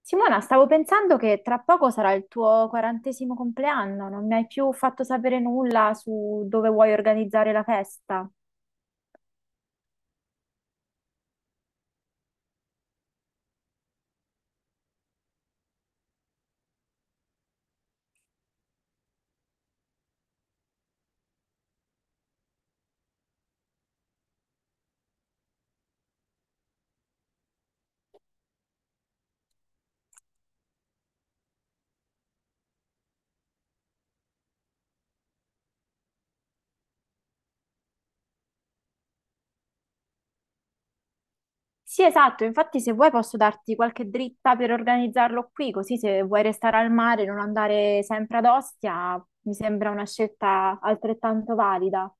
Simona, stavo pensando che tra poco sarà il tuo quarantesimo compleanno, non mi hai più fatto sapere nulla su dove vuoi organizzare la festa. Sì, esatto, infatti se vuoi posso darti qualche dritta per organizzarlo qui, così se vuoi restare al mare e non andare sempre ad Ostia, mi sembra una scelta altrettanto valida.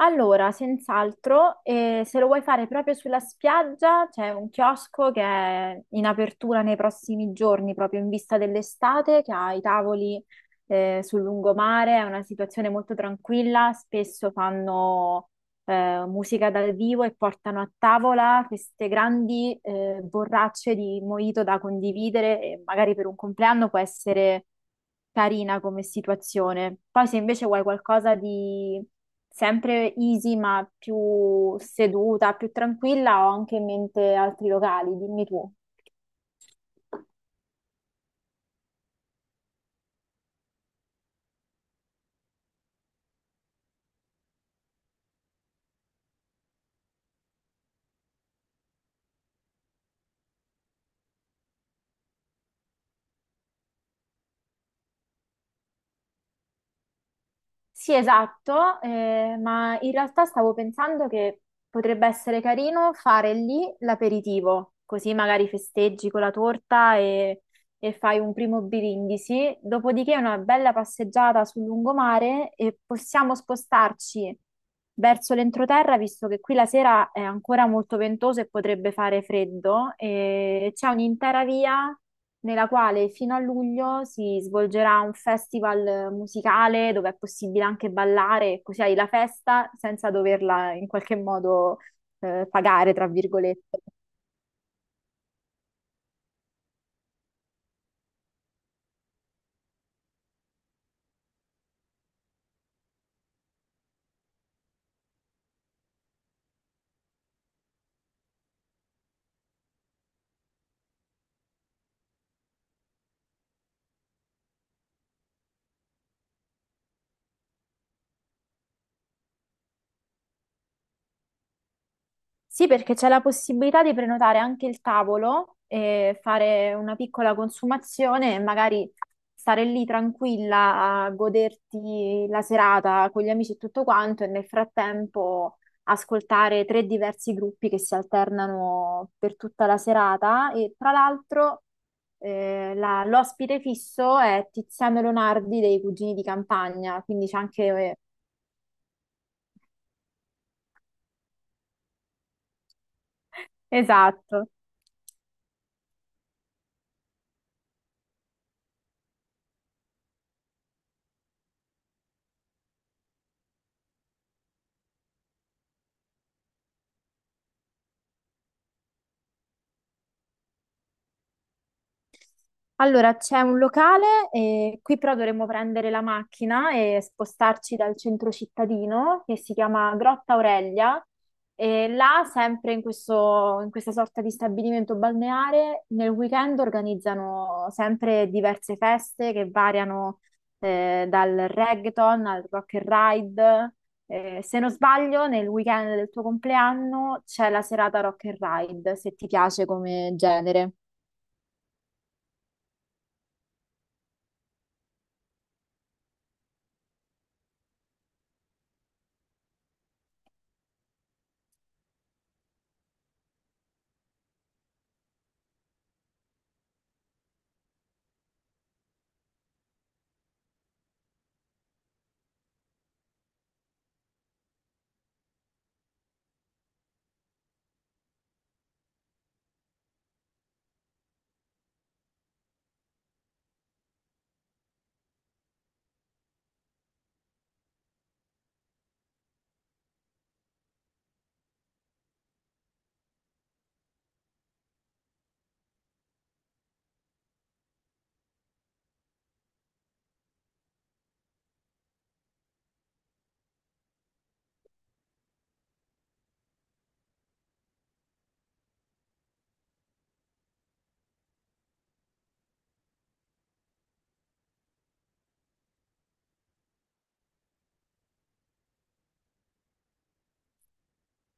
Allora, senz'altro, se lo vuoi fare proprio sulla spiaggia, c'è un chiosco che è in apertura nei prossimi giorni, proprio in vista dell'estate, che ha i tavoli, sul lungomare, è una situazione molto tranquilla, spesso fanno musica dal vivo e portano a tavola queste grandi borracce di mojito da condividere e magari per un compleanno può essere carina come situazione. Poi se invece vuoi qualcosa di sempre easy ma più seduta, più tranquilla, ho anche in mente altri locali, dimmi tu. Sì, esatto, ma in realtà stavo pensando che potrebbe essere carino fare lì l'aperitivo, così magari festeggi con la torta e fai un primo birindisi, dopodiché una bella passeggiata sul lungomare e possiamo spostarci verso l'entroterra, visto che qui la sera è ancora molto ventoso e potrebbe fare freddo, e c'è un'intera via nella quale fino a luglio si svolgerà un festival musicale dove è possibile anche ballare, così hai la festa senza doverla in qualche modo pagare, tra virgolette. Sì, perché c'è la possibilità di prenotare anche il tavolo e fare una piccola consumazione e magari stare lì tranquilla a goderti la serata con gli amici e tutto quanto e nel frattempo ascoltare tre diversi gruppi che si alternano per tutta la serata e tra l'altro l'ospite fisso è Tiziano Leonardi dei Cugini di Campagna, quindi c'è anche... Esatto. Allora, c'è un locale, qui però dovremmo prendere la macchina e spostarci dal centro cittadino che si chiama Grotta Aurelia. E là, sempre in questa sorta di stabilimento balneare, nel weekend organizzano sempre diverse feste che variano dal reggaeton al rock and ride. Se non sbaglio, nel weekend del tuo compleanno c'è la serata rock and ride, se ti piace come genere.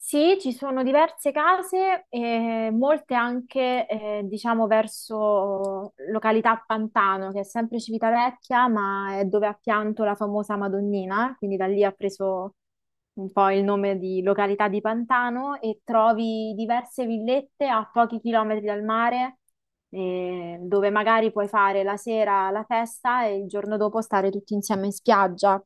Sì, ci sono diverse case, molte anche, diciamo, verso località Pantano, che è sempre Civitavecchia, ma è dove ha pianto la famosa Madonnina, quindi da lì ha preso un po' il nome di località di Pantano e trovi diverse villette a pochi chilometri dal mare, dove magari puoi fare la sera la festa e il giorno dopo stare tutti insieme in spiaggia.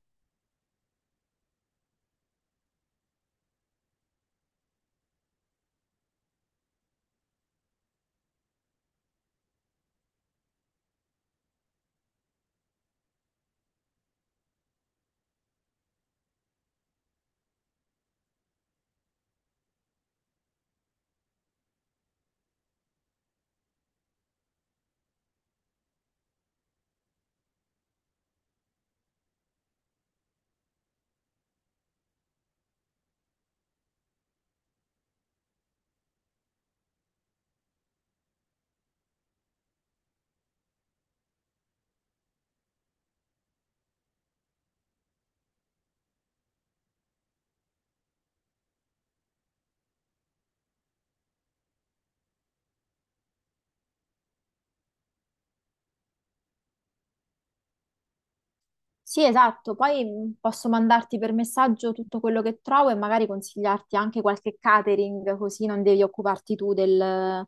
Sì, esatto, poi posso mandarti per messaggio tutto quello che trovo e magari consigliarti anche qualche catering, così non devi occuparti tu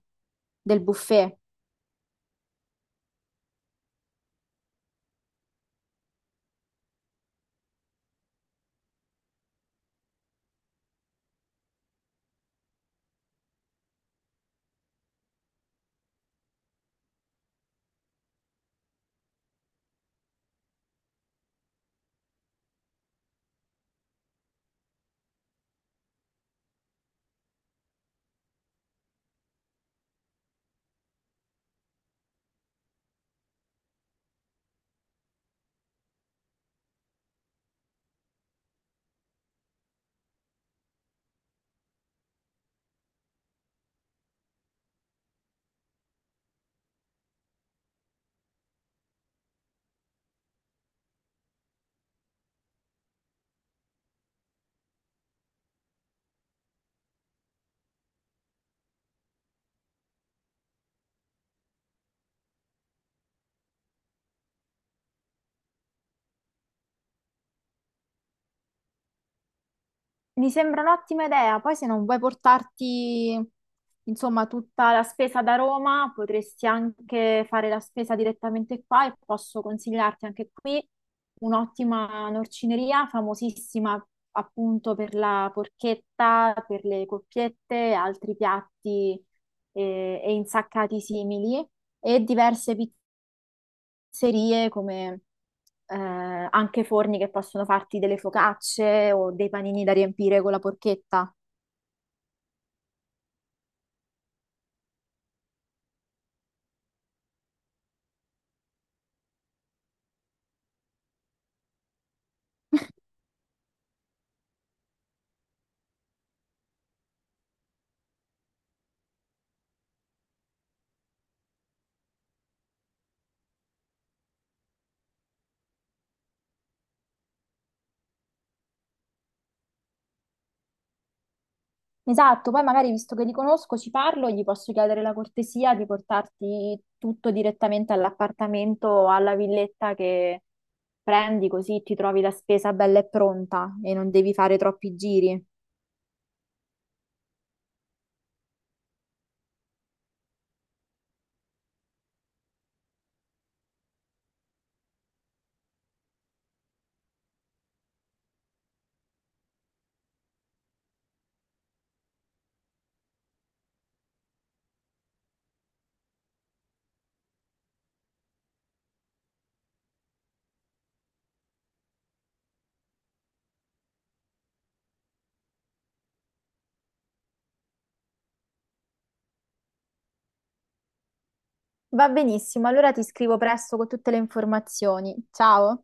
del buffet. Mi sembra un'ottima idea, poi se non vuoi portarti, insomma, tutta la spesa da Roma, potresti anche fare la spesa direttamente qua e posso consigliarti anche qui un'ottima norcineria famosissima appunto per la porchetta, per le coppiette, altri piatti e insaccati simili e diverse pizzerie come anche forni che possono farti delle focacce o dei panini da riempire con la porchetta. Esatto, poi magari visto che li conosco, ci parlo, gli posso chiedere la cortesia di portarti tutto direttamente all'appartamento o alla villetta che prendi, così ti trovi la spesa bella e pronta e non devi fare troppi giri. Va benissimo, allora ti scrivo presto con tutte le informazioni. Ciao!